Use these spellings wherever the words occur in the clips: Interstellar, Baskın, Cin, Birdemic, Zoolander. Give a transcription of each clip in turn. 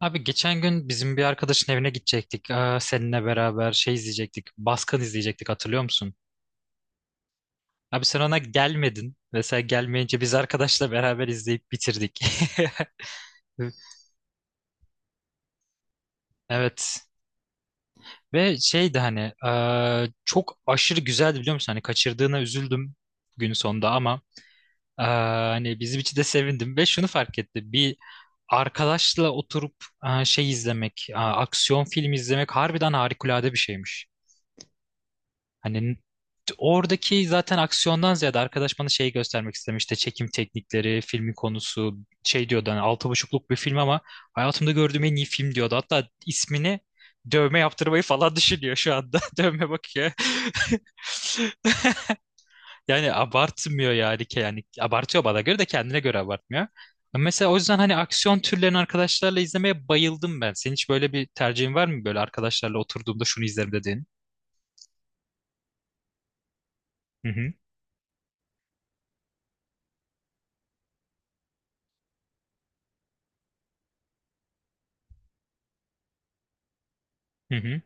Abi geçen gün bizim bir arkadaşın evine gidecektik. Seninle beraber şey izleyecektik. Baskın izleyecektik, hatırlıyor musun? Abi sen ona gelmedin. Mesela gelmeyince biz arkadaşla beraber izleyip bitirdik. Evet. Ve şeydi hani çok aşırı güzeldi, biliyor musun? Hani kaçırdığına üzüldüm gün sonunda ama hani bizim için de sevindim. Ve şunu fark etti. Bir arkadaşla oturup şey izlemek, aksiyon filmi izlemek harbiden harikulade bir şeymiş. Hani oradaki zaten aksiyondan ziyade arkadaş bana şeyi göstermek istemişti. Çekim teknikleri, filmin konusu, şey diyordu, hani altı buçukluk bir film ama hayatımda gördüğüm en iyi film diyordu. Hatta ismini dövme yaptırmayı falan düşünüyor şu anda. Dövme bakıyor. Yani abartmıyor yani. Yani abartıyor, bana göre. De kendine göre abartmıyor. Mesela o yüzden hani aksiyon türlerini arkadaşlarla izlemeye bayıldım ben. Senin hiç böyle bir tercihin var mı? Böyle arkadaşlarla oturduğumda şunu izlerim dediğin. Hı hı. Hı hı.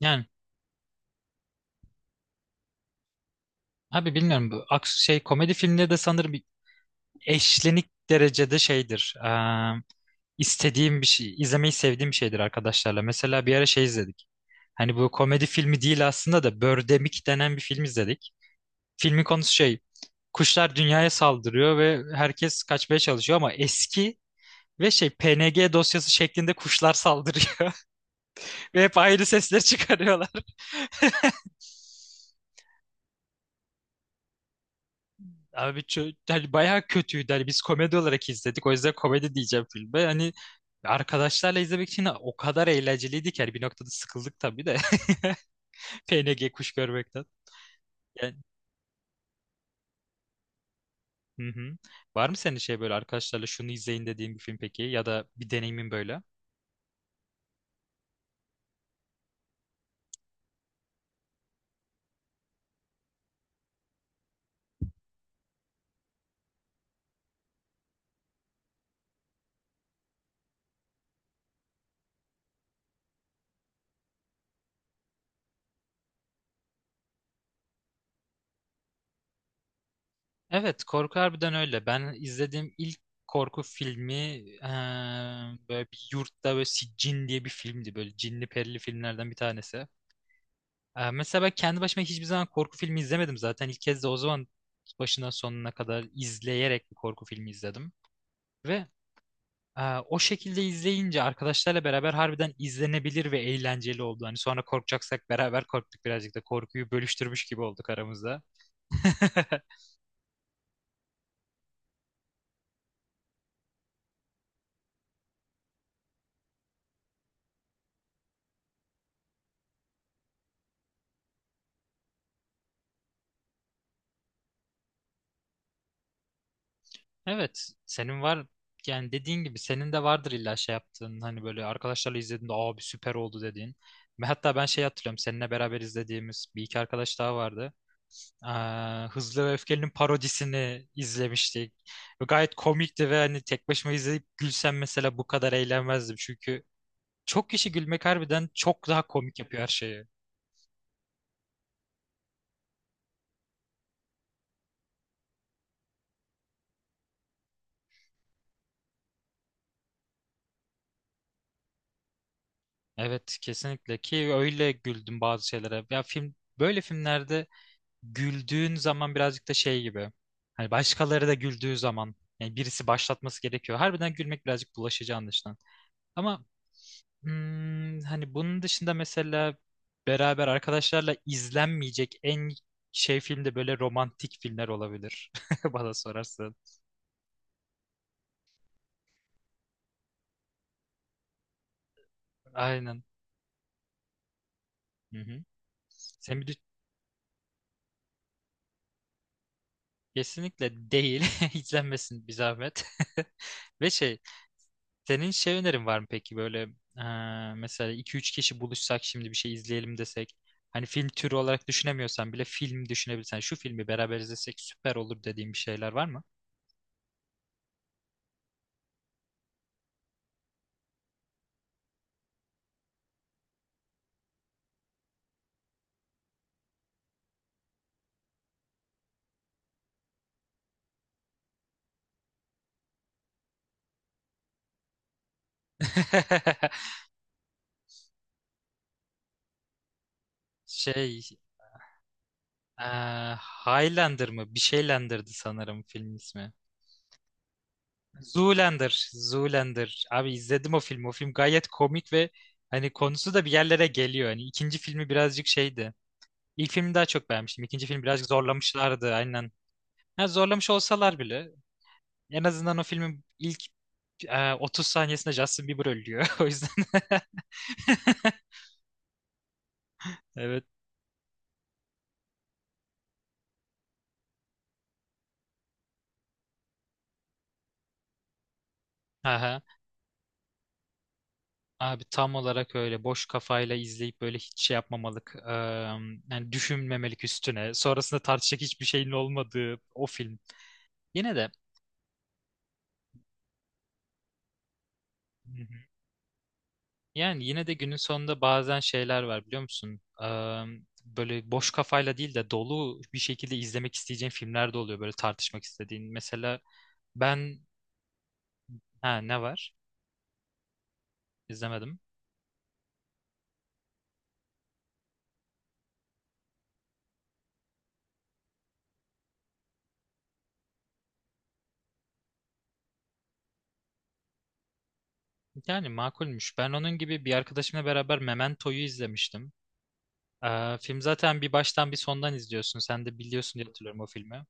Yani. Abi bilmiyorum, bu şey komedi filmleri de sanırım eşlenik derecede şeydir. İstediğim bir şey, izlemeyi sevdiğim bir şeydir arkadaşlarla. Mesela bir ara şey izledik. Hani bu komedi filmi değil aslında da Birdemic denen bir film izledik. Filmin konusu şey, kuşlar dünyaya saldırıyor ve herkes kaçmaya çalışıyor ama eski ve şey PNG dosyası şeklinde kuşlar saldırıyor ve hep ayrı sesler çıkarıyorlar. Abi hani bayağı kötüydü. Hani biz komedi olarak izledik. O yüzden komedi diyeceğim filme. Hani arkadaşlarla izlemek için o kadar eğlenceliydi ki. Hani bir noktada sıkıldık tabii de. PNG kuş görmekten. Yani, hı hı. Var mı senin şey, böyle arkadaşlarla şunu izleyin dediğin bir film peki? Ya da bir deneyimin böyle? Evet, korku harbiden öyle. Ben izlediğim ilk korku filmi böyle bir yurtta böyle Cin diye bir filmdi. Böyle cinli perili filmlerden bir tanesi. Mesela ben kendi başıma hiçbir zaman korku filmi izlemedim zaten. İlk kez de o zaman başından sonuna kadar izleyerek bir korku filmi izledim. Ve o şekilde izleyince arkadaşlarla beraber harbiden izlenebilir ve eğlenceli oldu. Hani sonra korkacaksak beraber korktuk, birazcık da korkuyu bölüştürmüş gibi olduk aramızda. Evet, senin var, yani dediğin gibi senin de vardır illa şey yaptığın, hani böyle arkadaşlarla izlediğinde abi süper oldu dediğin. Ve hatta ben şey hatırlıyorum, seninle beraber izlediğimiz bir iki arkadaş daha vardı. Hızlı ve Öfkeli'nin parodisini izlemiştik. Ve gayet komikti ve hani tek başıma izleyip gülsem mesela bu kadar eğlenmezdim. Çünkü çok kişi gülmek harbiden çok daha komik yapıyor her şeyi. Evet, kesinlikle ki öyle güldüm bazı şeylere. Ya film, böyle filmlerde güldüğün zaman birazcık da şey gibi. Hani başkaları da güldüğü zaman, yani birisi başlatması gerekiyor. Harbiden gülmek birazcık bulaşıcı anlaşılan. Ama hani bunun dışında mesela beraber arkadaşlarla izlenmeyecek en şey filmde böyle romantik filmler olabilir bana sorarsan. Aynen. Hı hı. Sen bir de- kesinlikle değil. İzlenmesin bir zahmet. Ve şey, senin şey önerin var mı peki böyle mesela iki üç kişi buluşsak şimdi bir şey izleyelim desek. Hani film türü olarak düşünemiyorsan bile, film düşünebilirsen şu filmi beraber izlesek süper olur dediğin bir şeyler var mı? Şey, Ee, Highlander mı? Bir şeylendirdi sanırım film ismi. Zoolander. Zoolander. Abi izledim o filmi. O film gayet komik ve hani konusu da bir yerlere geliyor. Hani ikinci filmi birazcık şeydi. İlk filmi daha çok beğenmiştim. İkinci film birazcık zorlamışlardı, aynen. Ha, zorlamış olsalar bile en azından o filmin ilk 30 saniyesinde Justin Bieber ölüyor. O yüzden evet. Aha. Abi tam olarak öyle boş kafayla izleyip böyle hiç şey yapmamalık, yani düşünmemelik üstüne. Sonrasında tartışacak hiçbir şeyin olmadığı o film. Yine de. Hı hı. Yani yine de günün sonunda bazen şeyler var, biliyor musun? Böyle boş kafayla değil de dolu bir şekilde izlemek isteyeceğin filmler de oluyor, böyle tartışmak istediğin. Mesela ben. Ha, ne var? İzlemedim. Yani makulmüş. Ben onun gibi bir arkadaşımla beraber Memento'yu izlemiştim. Film zaten bir baştan bir sondan izliyorsun. Sen de biliyorsun diye hatırlıyorum o filmi.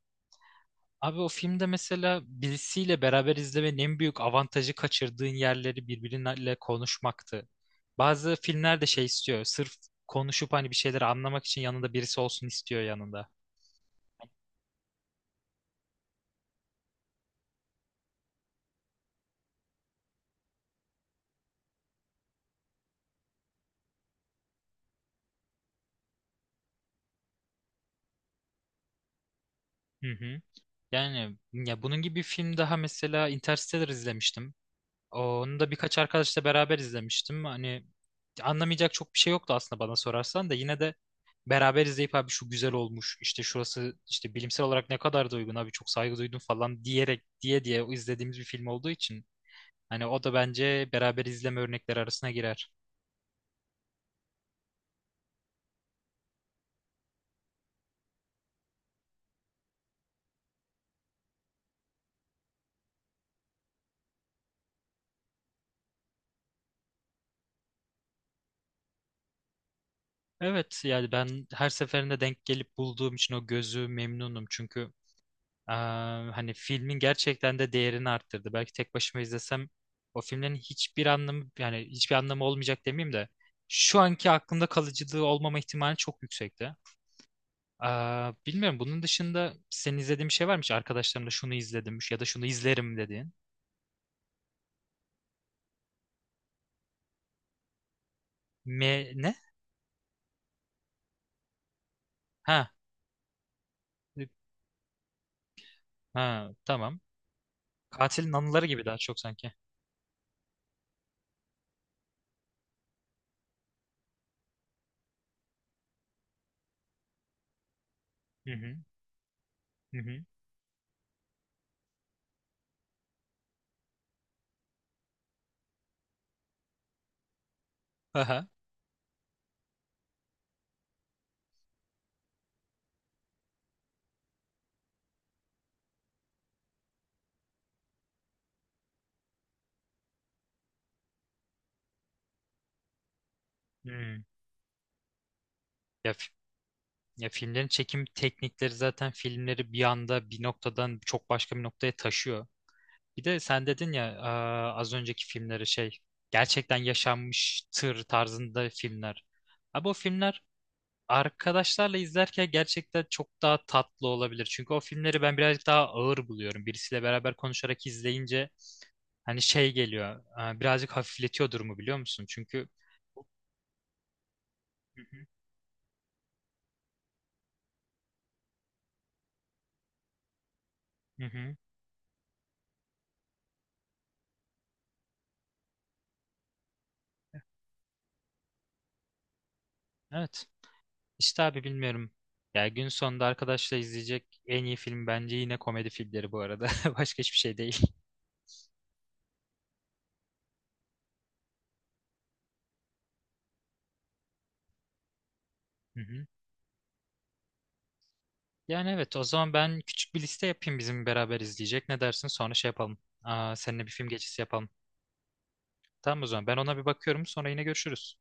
Abi o filmde mesela birisiyle beraber izlemenin en büyük avantajı kaçırdığın yerleri birbiriyle konuşmaktı. Bazı filmler de şey istiyor. Sırf konuşup hani bir şeyleri anlamak için yanında birisi olsun istiyor yanında. Hı hı. Yani ya, bunun gibi bir film daha mesela, Interstellar izlemiştim. Onu da birkaç arkadaşla beraber izlemiştim. Hani anlamayacak çok bir şey yoktu aslında bana sorarsan da, yine de beraber izleyip abi şu güzel olmuş işte şurası işte bilimsel olarak ne kadar da uygun abi çok saygı duydum falan diyerek diye diye izlediğimiz bir film olduğu için hani o da bence beraber izleme örnekleri arasına girer. Evet, yani ben her seferinde denk gelip bulduğum için o gözü memnunum çünkü Eee, hani filmin gerçekten de değerini arttırdı. Belki tek başıma izlesem o filmlerin hiçbir anlamı, yani hiçbir anlamı olmayacak demeyeyim de şu anki aklımda kalıcılığı olmama ihtimali çok yüksekti. Bilmiyorum, bunun dışında senin izlediğin bir şey var mı hiç? Arkadaşlarımla şunu izledim ya da şunu izlerim dediğin. Me ne? Ha. Ha, tamam. Katilin anıları gibi daha çok sanki. Hı hı. Hı hı. Aha. Hmm. Ya Ya filmlerin çekim teknikleri zaten filmleri bir anda bir noktadan çok başka bir noktaya taşıyor. Bir de sen dedin ya, az önceki filmleri şey, gerçekten yaşanmış tır tarzında filmler. Abi o filmler arkadaşlarla izlerken gerçekten çok daha tatlı olabilir. Çünkü o filmleri ben birazcık daha ağır buluyorum. Birisiyle beraber konuşarak izleyince hani şey geliyor. Birazcık hafifletiyor durumu, biliyor musun? Çünkü hı hı. Hı hı. Evet. İşte abi bilmiyorum. Ya gün sonunda arkadaşla izleyecek en iyi film bence yine komedi filmleri bu arada. Başka hiçbir şey değil. Hı hı. Yani evet, o zaman ben küçük bir liste yapayım bizim beraber izleyecek. Ne dersin? Sonra şey yapalım. Aa, seninle bir film gecesi yapalım. Tamam, o zaman ben ona bir bakıyorum, sonra yine görüşürüz.